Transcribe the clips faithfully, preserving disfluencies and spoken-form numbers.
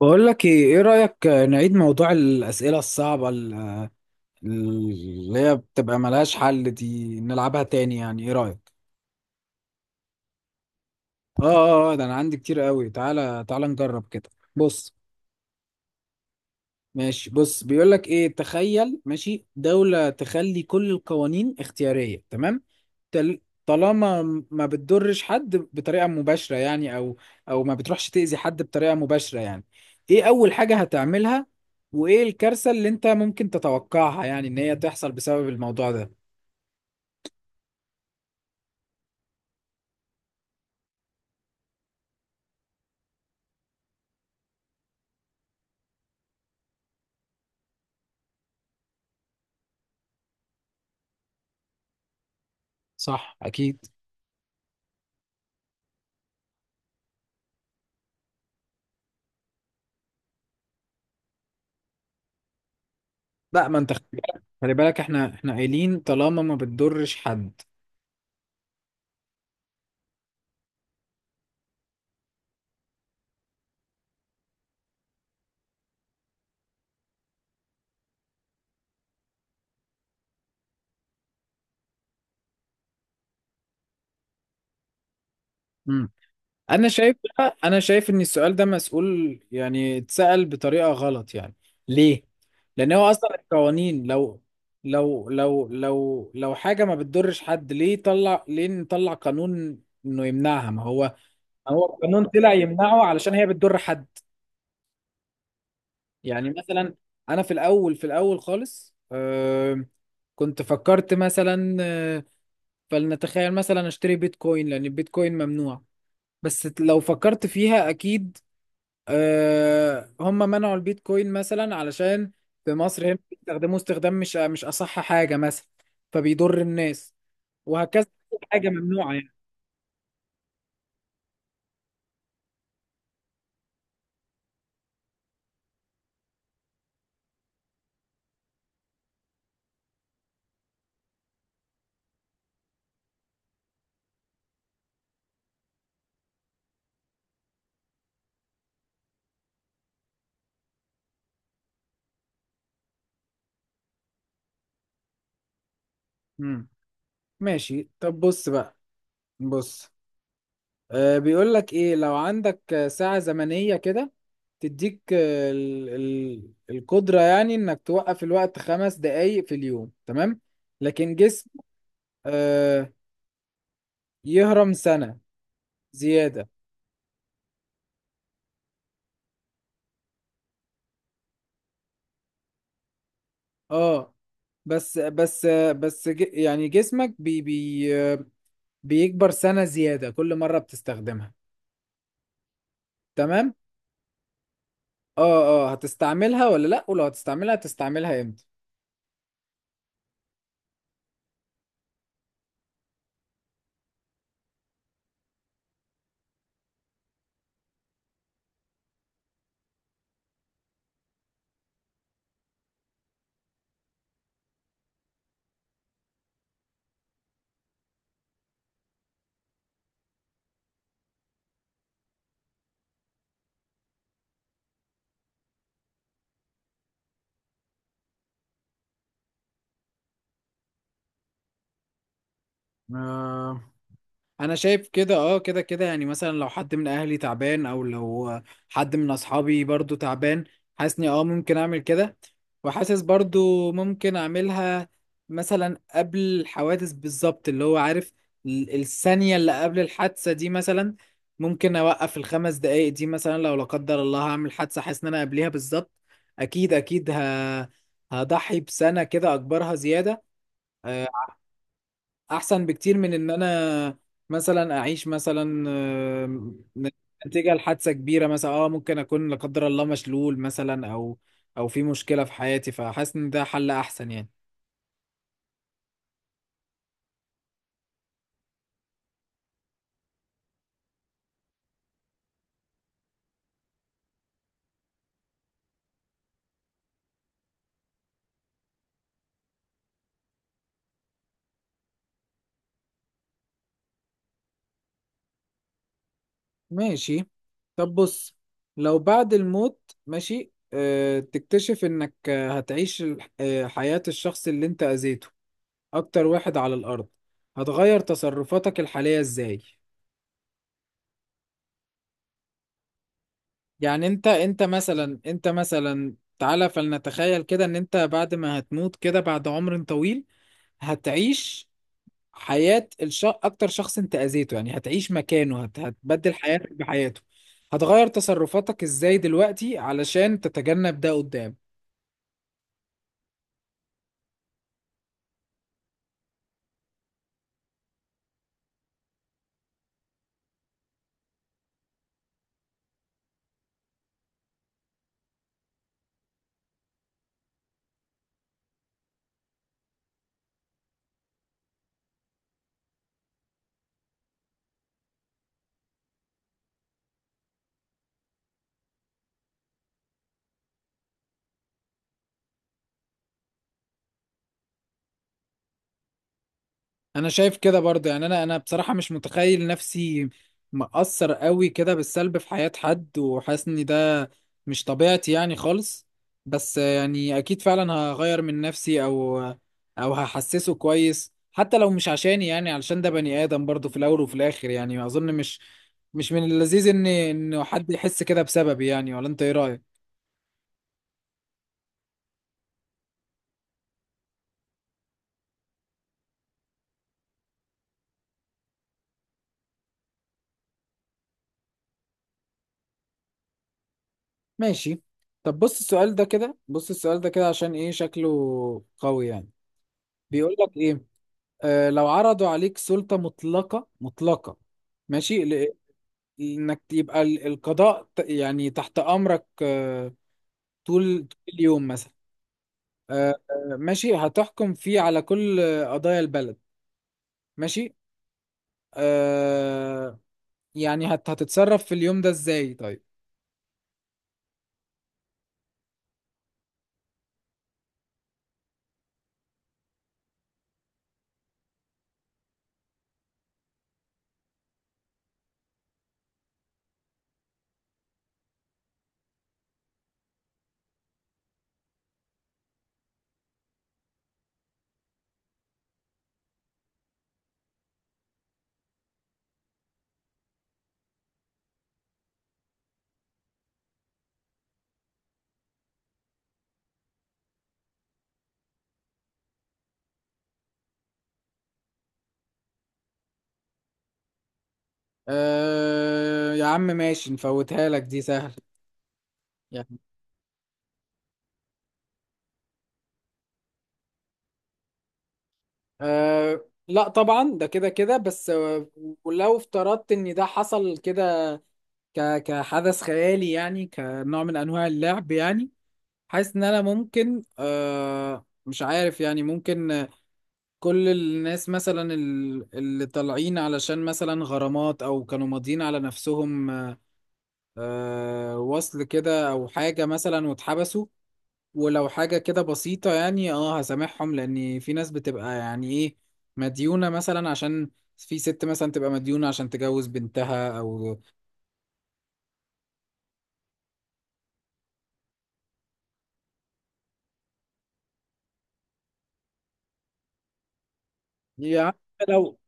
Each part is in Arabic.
بقول لك ايه، ايه رأيك نعيد موضوع الأسئلة الصعبة ال- اللي هي بتبقى ملهاش حل دي، نلعبها تاني؟ يعني ايه رأيك؟ اه، اه، آه، ده انا عندي كتير قوي، تعالى تعالى نجرب كده. بص. ماشي، بص، بيقول لك ايه، تخيل ماشي دولة تخلي كل القوانين اختيارية، تمام؟ تل- طالما ما بتضرش حد بطريقة مباشرة يعني، او او ما بتروحش تأذي حد بطريقة مباشرة يعني، ايه اول حاجة هتعملها؟ وايه الكارثة اللي انت ممكن تتوقعها يعني ان هي تحصل بسبب الموضوع ده؟ صح، اكيد. لا، ما انت خلي بالك خلي بالك، احنا احنا قايلين طالما ما بتضرش حد. إمم. انا شايف بقى- انا شايف ان السؤال ده مسؤول، يعني اتسأل بطريقة غلط يعني. ليه؟ لان هو اصلا القوانين، لو لو لو لو لو حاجة ما بتضرش حد، ليه طلع، ليه نطلع قانون انه يمنعها؟ ما هو هو القانون طلع يمنعه علشان هي بتضر حد. يعني مثلا انا في الاول في الاول خالص، آه كنت فكرت مثلا، آه، فلنتخيل مثلا اشتري بيتكوين لان البيتكوين ممنوع. بس لو فكرت فيها اكيد، آه، هم منعوا البيتكوين مثلا علشان في مصر هنا بيستخدموه استخدام مش مش اصح حاجه مثلا، فبيضر الناس، وهكذا، حاجه ممنوعه يعني. مم. ماشي، طب بص بقى. بص آه، بيقول لك ايه، لو عندك آه، ساعه زمنيه كده تديك آه، ال ال القدره، يعني انك توقف الوقت خمس دقايق في اليوم، تمام؟ لكن جسم، آه، يهرم سنه زياده. اه، بس بس بس ج- يعني جسمك بي بي بيكبر سنة زيادة كل مرة بتستخدمها. تمام. اه، اه، هتستعملها ولا لا؟ ولو هتستعملها، هتستعملها امتى؟ انا شايف كده، اه، كده كده يعني، مثلا لو حد من اهلي تعبان، او لو حد من اصحابي برضو تعبان، حاسني اه ممكن اعمل كده. وحاسس برضو ممكن اعملها مثلا قبل الحوادث بالظبط، اللي هو عارف ال- الثانية اللي قبل الحادثة دي مثلا، ممكن اوقف الخمس دقايق دي مثلا. لو لا قدر الله هعمل حادثة حاسس ان انا قبليها بالظبط، اكيد اكيد ه... هضحي بسنة كده، اكبرها زيادة. آه، احسن بكتير من ان انا مثلا اعيش مثلا، آم، نتيجة لحادثة كبيرة مثلا. اه، ممكن اكون لا قدر الله مشلول مثلا، او او في مشكلة في حياتي، فحاسس ان ده حل احسن يعني. ماشي، طب بص، لو بعد الموت ماشي، آه، تكتشف انك آه، هتعيش الح- آه، حياة الشخص اللي انت اذيته اكتر واحد على الارض، هتغير تصرفاتك الحالية ازاي؟ يعني انت، انت مثلا انت مثلا تعالى فلنتخيل كده، ان انت بعد ما هتموت كده، بعد عمر طويل، هتعيش حياة الش... اكتر شخص انت اذيته، يعني هتعيش مكانه، هت... هتبدل حياتك بحياته. هتغير تصرفاتك ازاي دلوقتي علشان تتجنب ده قدام؟ انا شايف كده برضه يعني، انا انا بصراحه مش متخيل نفسي مأثر قوي كده بالسلب في حياه حد، وحاسس ان ده مش طبيعتي يعني خالص. بس يعني اكيد فعلا هغير من نفسي، او او هحسسه كويس، حتى لو مش عشاني، يعني علشان ده بني ادم برضه في الاول وفي الاخر. يعني اظن مش مش من اللذيذ ان ان حد يحس كده بسببي يعني. ولا انت ايه رايك؟ ماشي طب. بص السؤال ده كده بص السؤال ده كده عشان ايه شكله قوي يعني. بيقول لك ايه، آه، لو عرضوا عليك سلطة مطلقة مطلقة، ماشي، ل- انك يبقى ال- القضاء ت- يعني تحت امرك، آه، طول طول اليوم مثلا، آه، آه، ماشي هتحكم فيه على كل آه، قضايا البلد، ماشي، آه، يعني هت- هتتصرف في اليوم ده ازاي، طيب؟ آه، يا عم، ماشي نفوتها لك، دي سهل. يعني آه، لا طبعا ده كده كده، بس آه، ولو افترضت ان ده حصل كده ك كحدث خيالي يعني، كنوع من انواع اللعب يعني، حاسس ان انا ممكن، آه مش عارف يعني، ممكن آه، كل الناس مثلا ال- اللي طالعين علشان مثلا غرامات، او كانوا ماضيين على نفسهم، آه وصل كده او حاجة مثلا واتحبسوا، ولو حاجة كده بسيطة يعني، اه هسامحهم، لان في ناس بتبقى يعني ايه، مديونة مثلا، عشان في ست مثلا تبقى مديونة عشان تجوز بنتها، او يعني، لو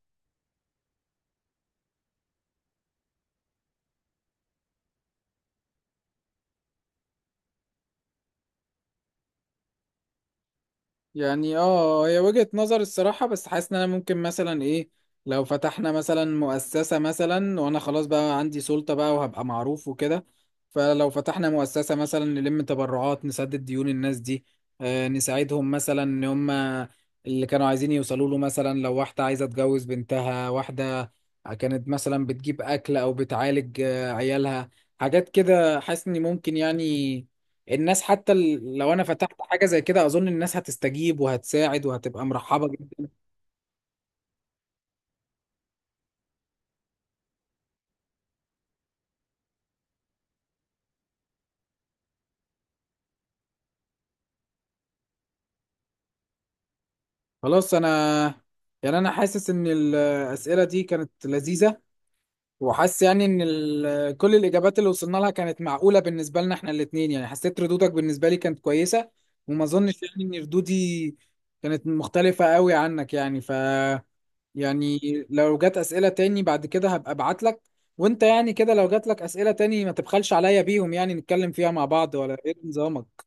يعني اه، هي وجهة نظر الصراحة. بس حاسس ان انا ممكن مثلا، ايه، لو فتحنا مثلا مؤسسة مثلا وانا خلاص بقى عندي سلطة بقى وهبقى معروف وكده، فلو فتحنا مؤسسة مثلا نلم تبرعات نسدد ديون الناس دي، آه نساعدهم مثلا ان هم اللي كانوا عايزين يوصلوا له، مثلا لو واحدة عايزة تجوز بنتها، واحدة كانت مثلا بتجيب اكل او بتعالج آه، عيالها، حاجات كده، حاسس اني ممكن يعني الناس حتى، ال- لو انا فتحت حاجه زي كده اظن الناس هتستجيب وهتساعد وهتبقى مرحبه جدا. خلاص، انا يعني انا حاسس ان الاسئله دي كانت لذيذه، وحاسس يعني ان ال- كل الاجابات اللي وصلنا لها كانت معقوله بالنسبه لنا احنا الاثنين. يعني حسيت ردودك بالنسبه لي كانت كويسه، وما اظنش يعني ان ردودي كانت مختلفه قوي عنك يعني. ف، يعني لو جت اسئله تاني بعد كده هبقى ابعت لك، وانت يعني كده لو جات لك اسئله تاني ما تبخلش عليا بيهم، يعني نتكلم فيها مع بعض، ولا ايه نظامك؟